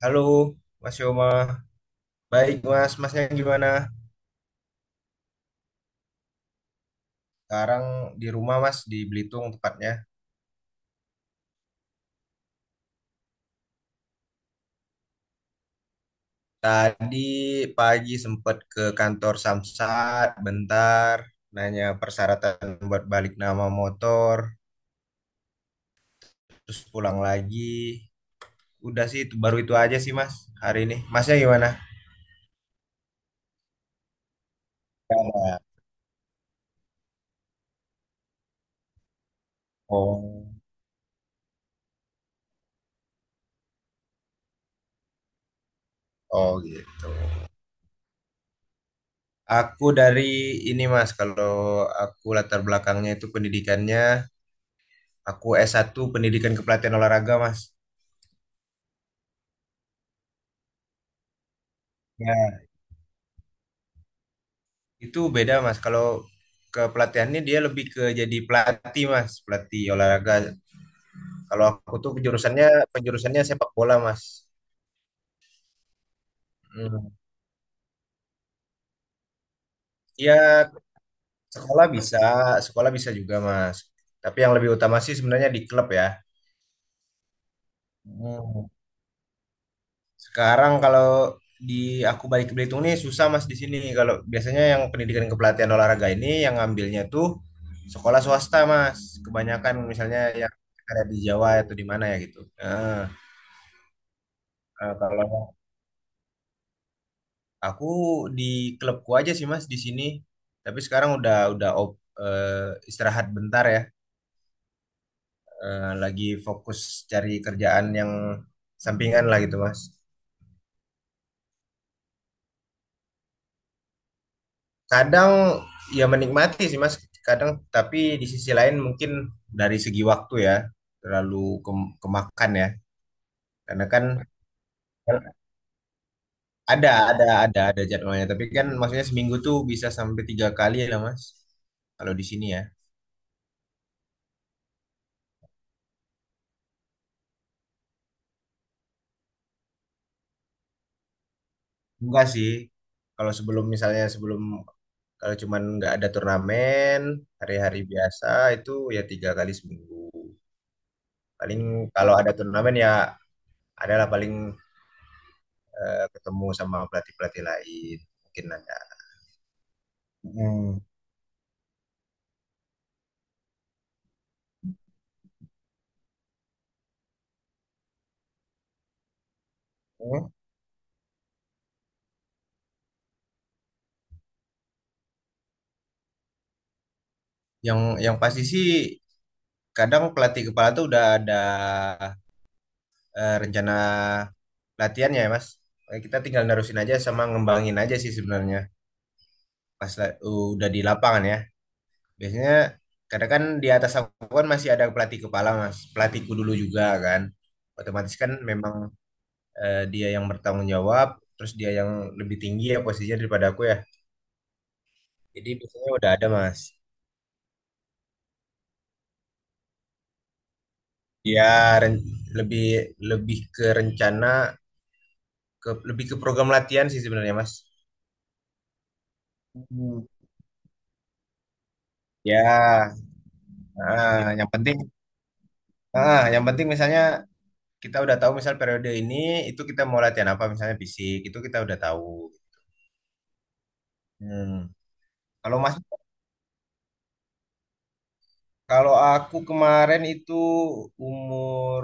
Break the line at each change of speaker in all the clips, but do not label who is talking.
Halo, Mas Yoma. Baik, Mas. Masnya gimana? Sekarang di rumah, Mas, di Belitung tepatnya. Tadi pagi sempat ke kantor Samsat, bentar, nanya persyaratan buat balik nama motor, terus pulang lagi. Udah sih, baru itu aja sih, Mas, hari ini. Masnya gimana? Oh, oh gitu. Aku dari ini Mas, kalau aku latar belakangnya itu pendidikannya, aku S1 Pendidikan Kepelatihan Olahraga Mas. Ya, itu beda mas, kalau ke pelatihannya dia lebih ke jadi pelatih mas, pelatih olahraga. Kalau aku tuh penjurusannya penjurusannya sepak bola mas. Hmm. Ya sekolah bisa, sekolah bisa juga mas. Tapi yang lebih utama sih sebenarnya di klub ya. Hmm. Sekarang kalau di aku balik ke Belitung nih susah mas di sini. Kalau biasanya yang pendidikan kepelatihan olahraga ini yang ngambilnya tuh sekolah swasta mas. Kebanyakan misalnya yang ada di Jawa atau di mana ya gitu. Nah, Nah, kalau aku di klubku aja sih Mas di sini. Tapi sekarang udah istirahat bentar ya. Lagi fokus cari kerjaan yang sampingan lah gitu Mas. Kadang ya menikmati sih Mas. Kadang tapi di sisi lain mungkin dari segi waktu ya terlalu kemakan ya. Karena kan ada jadwalnya. Tapi kan maksudnya seminggu tuh bisa sampai tiga kali lah Mas. Kalau di sini ya. Enggak sih. Kalau sebelum misalnya sebelum kalau cuman nggak ada turnamen hari-hari biasa itu ya tiga kali seminggu. Paling kalau ada turnamen ya adalah paling ketemu sama pelatih-pelatih lain mungkin ada. Hmm. Hmm. Yang pasti sih kadang pelatih kepala tuh udah ada rencana latihannya ya Mas. Kita tinggal nerusin aja sama ngembangin aja sih sebenarnya pas la- udah di lapangan ya. Biasanya kadang kan di atas aku kan masih ada pelatih kepala mas, pelatihku dulu juga kan. Otomatis kan memang dia yang bertanggung jawab, terus dia yang lebih tinggi ya posisinya daripada aku ya. Jadi biasanya udah ada mas. Ya ren- lebih lebih ke rencana, ke lebih ke program latihan sih sebenarnya mas. Hmm. Ya, ah, yang penting, yang penting misalnya kita udah tahu misal periode ini itu kita mau latihan apa misalnya fisik itu kita udah tahu. Hmm. Kalau Mas Kalau aku kemarin itu umur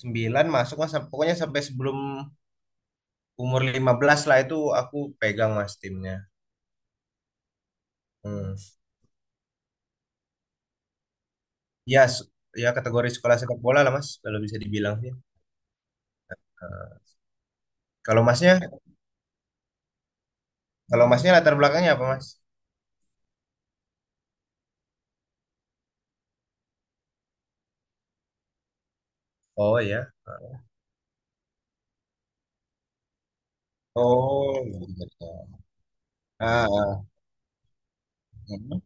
9 masuk mas, pokoknya sampai sebelum umur 15 lah itu aku pegang mas timnya. Hmm. Ya, ya kategori sekolah sepak bola lah mas, kalau bisa dibilang sih. Kalau masnya, kalau masnya latar belakangnya apa mas? Oh ya. Oh, gitu. Ah, ah, hmm.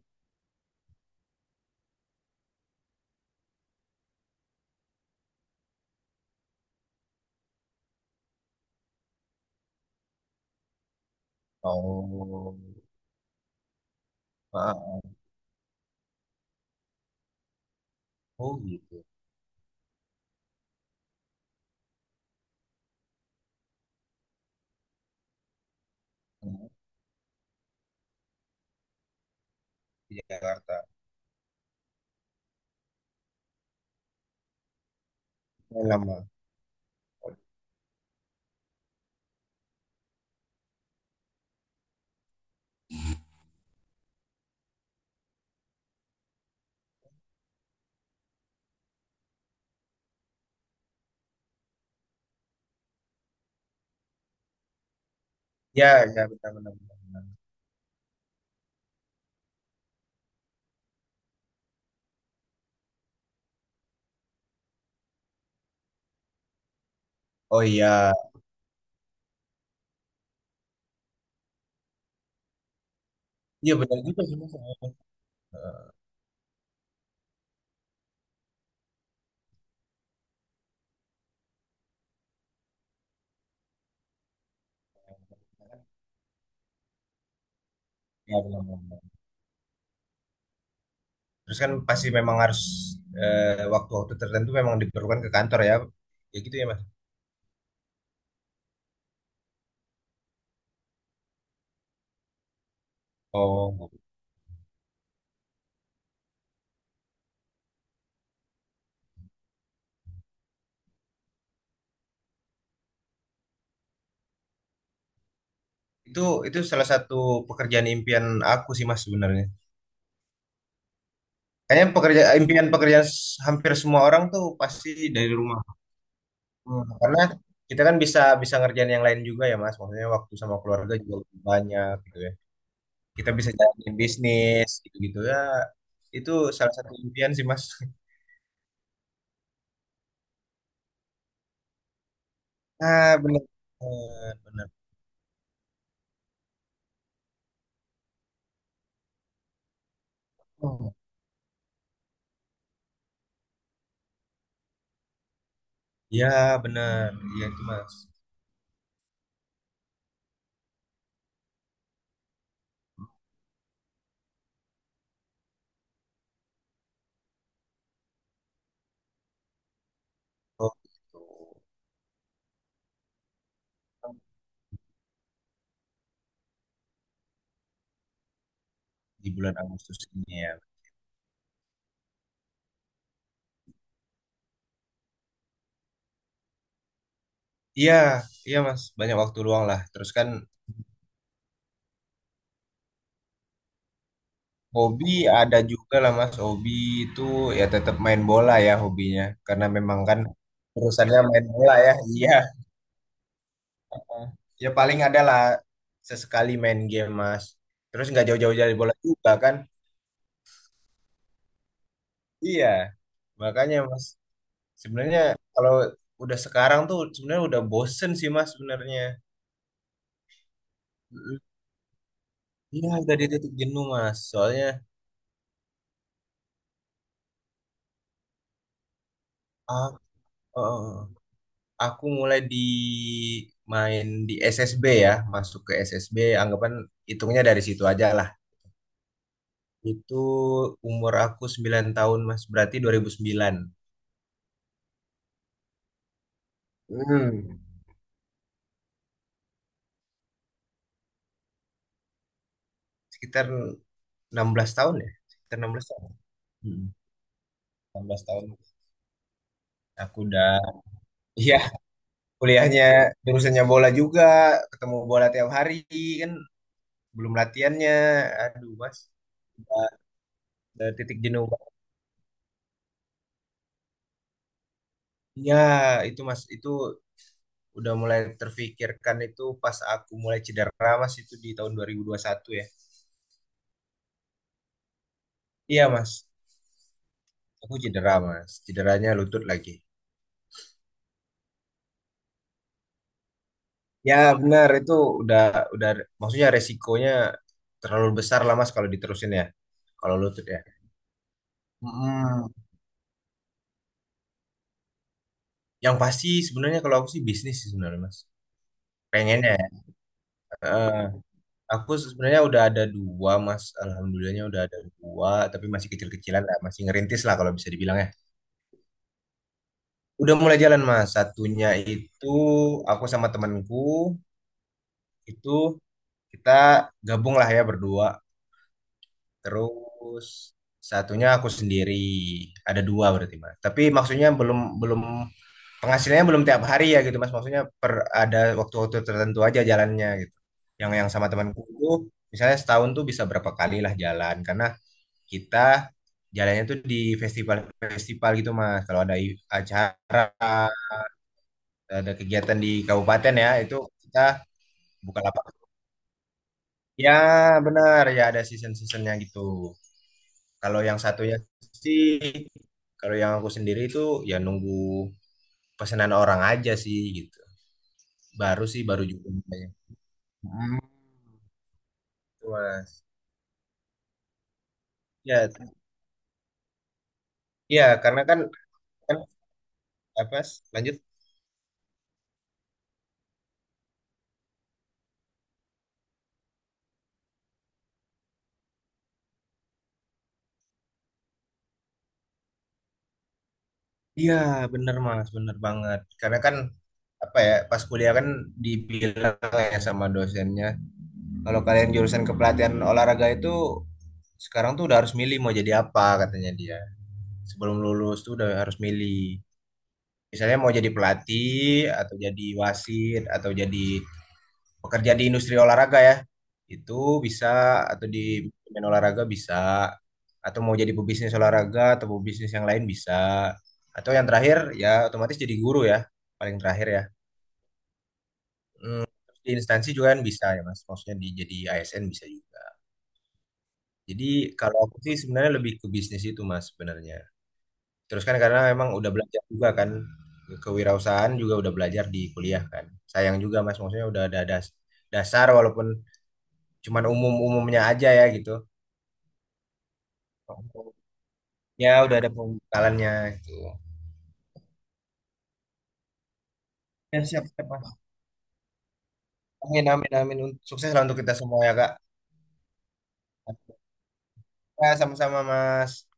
Oh, ah, ah. Oh gitu. Hmm. Di Jakarta. Lama. Ya, ya benar-benar. Oh iya, iya benar juga sih mas. Ya, benar, benar. Terus kan pasti memang harus waktu-waktu tertentu memang diperlukan ke kantor ya. Ya gitu ya, Mas. Oh. Itu itu salah satu pekerjaan impian aku sih, Mas sebenarnya. Kayaknya pekerja impian pekerjaan hampir semua orang tuh pasti dari rumah. Karena kita kan bisa bisa ngerjain yang lain juga ya, Mas. Maksudnya waktu sama keluarga juga lebih banyak gitu ya. Kita bisa jalanin bisnis gitu-gitu ya. Itu salah satu impian sih, Mas. Ah, benar. Benar. Ya, benar. Iya itu Mas. Oh, gitu. Di bulan Agustus ini ya. Iya, iya Mas, banyak waktu luang lah. Terus kan hobi ada juga lah Mas. Hobi itu ya tetap main bola ya hobinya. Karena memang kan urusannya main bola ya. Iya. Heeh. Ya paling ada lah sesekali main game Mas. Terus nggak jauh-jauh dari bola juga kan? Iya. Makanya Mas, sebenarnya kalau udah sekarang tuh sebenarnya udah bosen sih Mas sebenarnya. Iya, tadi titik jenuh mas. Soalnya ah, eh, aku mulai di main di SSB ya, masuk ke SSB. Anggapan hitungnya dari situ aja lah. Itu umur aku 9 tahun mas, berarti 2009. Hmm. Sekitar 16 tahun ya, sekitar 16 tahun. Hmm. 16 tahun aku udah, iya kuliahnya jurusannya bola juga, ketemu bola tiap hari kan, belum latihannya, aduh mas. Udah- udah titik jenuh. Ya, itu Mas, itu udah mulai terfikirkan itu pas aku mulai cedera Mas itu di tahun 2021 ya. Iya Mas, aku cedera Mas, cederanya lutut lagi. Ya benar itu udah udah maksudnya resikonya terlalu besar lah Mas kalau diterusin ya. Kalau lutut ya. Mm-mm. Yang pasti sebenarnya kalau aku sih bisnis sih sebenarnya Mas. Pengennya ya. Eh, aku sebenarnya udah ada dua Mas, alhamdulillahnya udah ada dua tapi masih kecil-kecilan lah, masih ngerintis lah kalau bisa dibilang ya. Udah mulai jalan Mas. Satunya itu aku sama temanku itu kita gabung lah ya berdua. Terus satunya aku sendiri. Ada dua berarti Mas. Tapi maksudnya belum belum penghasilannya belum tiap hari ya gitu Mas. Maksudnya per ada waktu-waktu tertentu aja jalannya gitu. Yang sama temanku itu misalnya setahun tuh bisa berapa kali lah jalan karena kita jalannya tuh di festival-festival gitu Mas. Kalau ada acara ada kegiatan di kabupaten ya itu kita buka lapak ya benar ya ada season-seasonnya gitu kalau yang satunya sih kalau yang aku sendiri itu ya nunggu pesanan orang aja sih gitu baru sih baru juga mulai. Hmm, gitu, mas ya ya karena kan kan apa Mas? Lanjut iya benar mas benar banget karena kan apa ya pas kuliah kan dibilang ya sama dosennya kalau kalian jurusan kepelatihan olahraga itu sekarang tuh udah harus milih mau jadi apa katanya dia. Sebelum lulus tuh udah harus milih. Misalnya mau jadi pelatih atau jadi wasit atau jadi pekerja di industri olahraga ya. Itu bisa atau di manajemen olahraga bisa atau mau jadi pebisnis olahraga atau pebisnis yang lain bisa. Atau yang terakhir ya otomatis jadi guru ya, paling terakhir ya. Hmm, di instansi juga kan bisa ya Mas. Maksudnya di jadi ASN bisa juga. Jadi kalau aku sih sebenarnya lebih ke bisnis itu Mas sebenarnya. Terus kan karena memang udah belajar juga kan kewirausahaan juga udah belajar di kuliah kan. Sayang juga Mas maksudnya udah ada dasar walaupun cuman umum-umumnya aja ya gitu. Ya udah ada pembekalannya gitu. Ya siap-siap Mas. Amin amin amin. Sukses lah untuk kita semua ya Kak. Ya sama-sama Mas.